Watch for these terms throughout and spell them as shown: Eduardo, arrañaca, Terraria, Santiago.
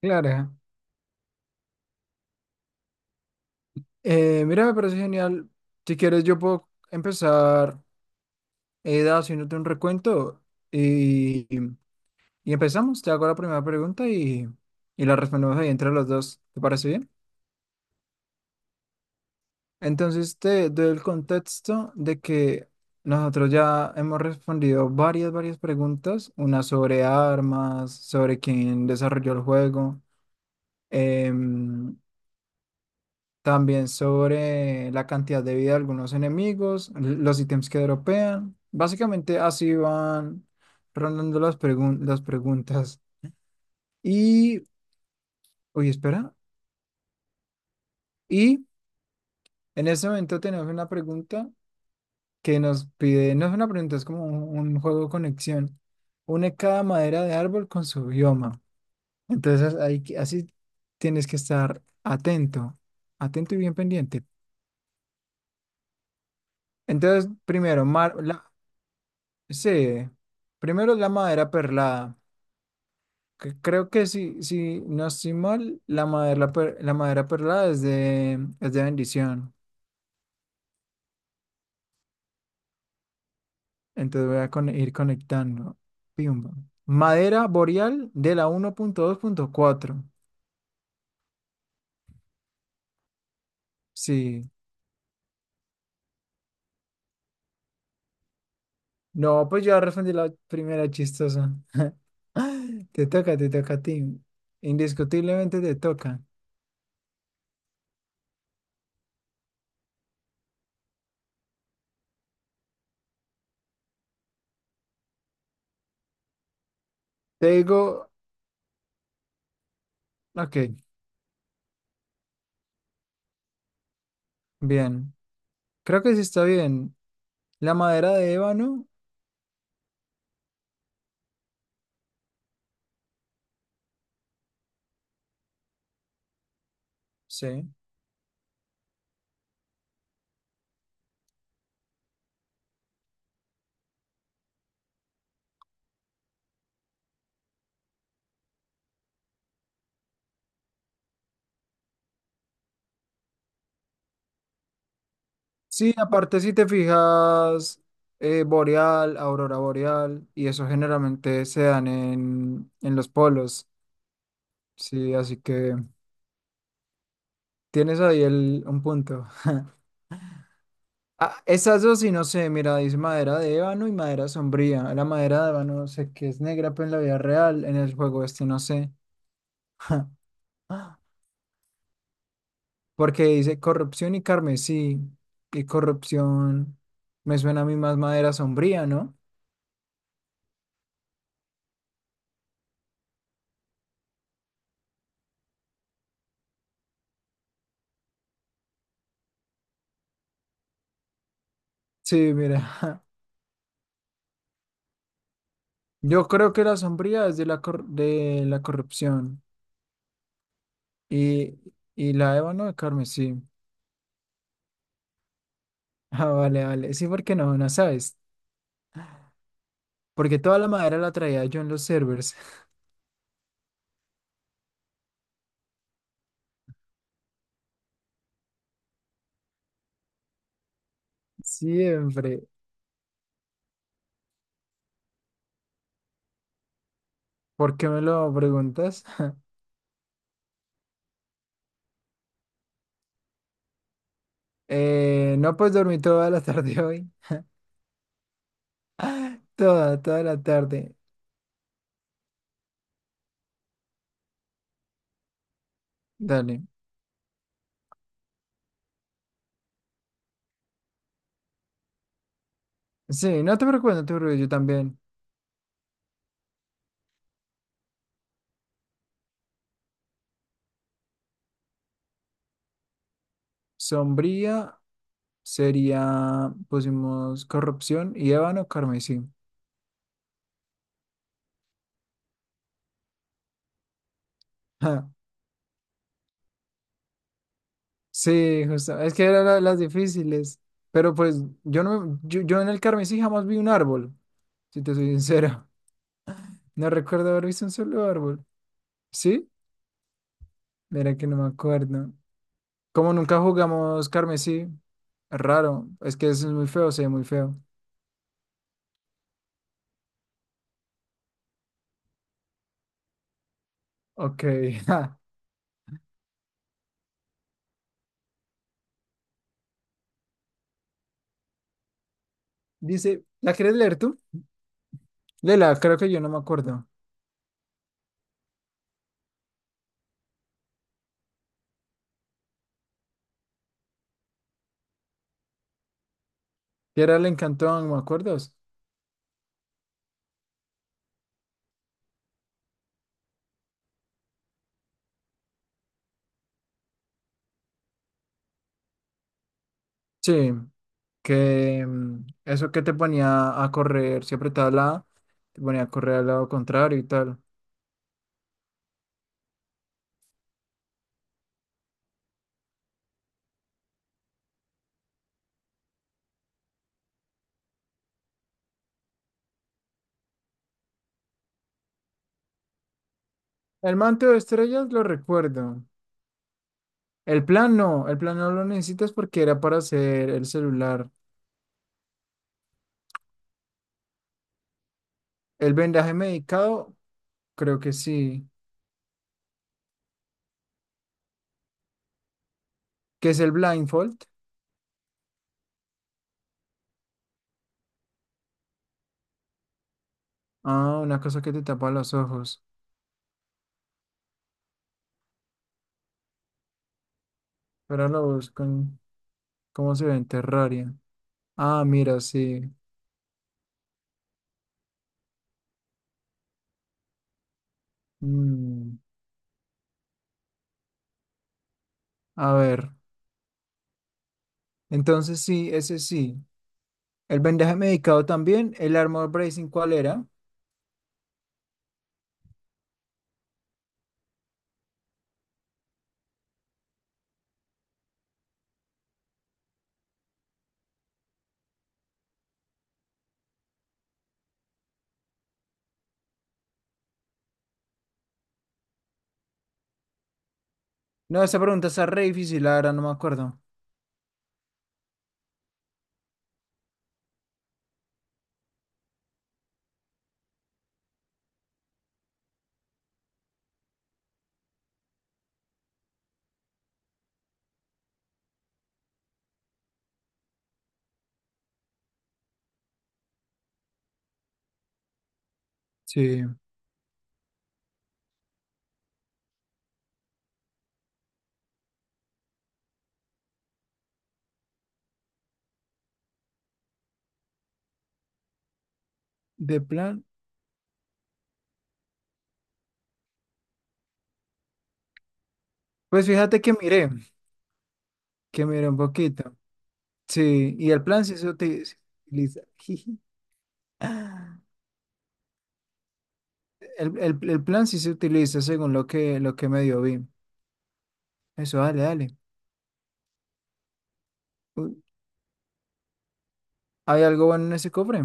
Claro. Mira, me parece genial. Si quieres, yo puedo empezar haciéndote un recuento y, y empezamos. Te hago la primera pregunta y la respondemos ahí entre los dos. ¿Te parece bien? Entonces, te doy el contexto de que nosotros ya hemos respondido varias preguntas, una sobre armas, sobre quién desarrolló el juego. em, También sobre la cantidad de vida de algunos enemigos, los ítems que dropean. Básicamente así van rondando las preguntas. Y, oye, espera. Y en este momento tenemos una pregunta que nos pide, no es una pregunta, es como un juego de conexión. Une cada madera de árbol con su bioma. Entonces, ahí, así tienes que estar atento, atento y bien pendiente. Entonces, primero, mar. Sí, primero la madera perlada, que creo que si no estoy mal, la madera perlada es de bendición. Entonces voy a ir conectando. Pimba. Madera boreal de la 1.2.4. Sí. No, pues yo respondí la primera chistosa. Te toca a ti. Indiscutiblemente te toca. Te digo, ok, bien. Creo que sí está bien. La madera de ébano, sí. Sí, aparte si te fijas, boreal, aurora boreal, y eso generalmente se dan en los polos. Sí, así que tienes ahí un punto. Ah, esas dos sí no sé, mira, dice madera de ébano y madera sombría. La madera de ébano sé que es negra, pero en la vida real, en el juego este no sé. Porque dice corrupción y carmesí, y corrupción me suena a mí más madera sombría, ¿no? Sí, mira. Yo creo que la sombría es de de la corrupción y, y la ébano de carmesí. Ah, vale, vale. Sí, porque no, no sabes. Porque toda la madera la traía yo en los servers. Siempre. ¿Por qué me lo preguntas? No, pues dormí toda la tarde hoy. Toda, toda la tarde. Dale. Sí, no te preocupes, no te preocupes, yo también. Sombría sería, pusimos corrupción y ébano carmesí. Sí, justo. Es que eran las difíciles. Pero pues yo no yo, yo en el Carmesí jamás vi un árbol, si te soy sincero. No recuerdo haber visto un solo árbol. ¿Sí? Mira que no me acuerdo. Como nunca jugamos carmesí, raro. Es que eso es muy feo, se ve muy feo. Ok. Ja. Dice, ¿la quieres leer tú? Lela, creo que yo no me acuerdo. ¿Qué era el encantón? ¿Me acuerdas? Sí. Que eso que te ponía a correr, si apretabas la A, te ponía a correr al lado contrario y tal. El manto de estrellas lo recuerdo. El plan no lo necesitas porque era para hacer el celular. El vendaje medicado, creo que sí. ¿Qué es el blindfold? Ah, una cosa que te tapa los ojos. Pero lo busco en cómo se ve en Terraria. Ah, mira, sí. Mm, a ver. Entonces sí, ese sí. El vendaje medicado también. El armor bracing, ¿cuál era? No, esa pregunta está re difícil, la verdad, no me acuerdo. Sí, de plan. Pues fíjate que miré un poquito. Sí, y el plan sí se se utiliza. Jiji. El, el plan sí se utiliza según lo que medio vi. Eso, dale, dale. Uy, ¿hay algo bueno en ese cofre?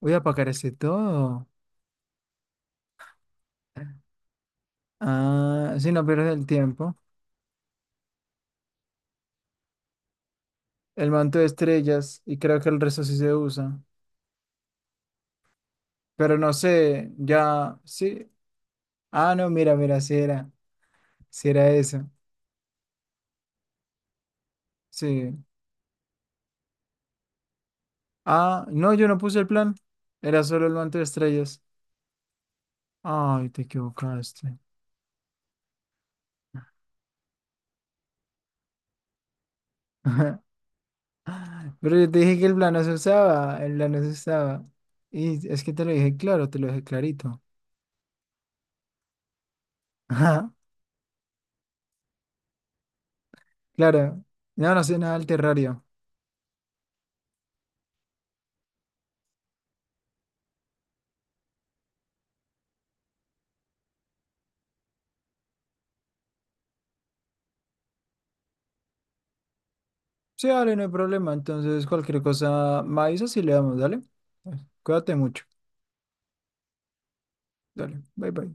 Voy a apagar ese todo. Ah, si no pierdes el tiempo. El manto de estrellas, y creo que el resto sí se usa. Pero no sé, ya, sí. Ah, no, mira, si era eso. Sí. Ah, no, yo no puse el plan. Era solo el manto de estrellas. Ay, te equivocaste. Pero yo te dije que el plan no se usaba, el plan no se usaba. Y es que te lo dije claro, te lo dije clarito. Ajá. Claro. No, no sé nada del terrario. Sí, dale, no hay problema. Entonces, cualquier cosa, me avisas y le damos, dale. Pues, cuídate mucho. Dale, bye bye.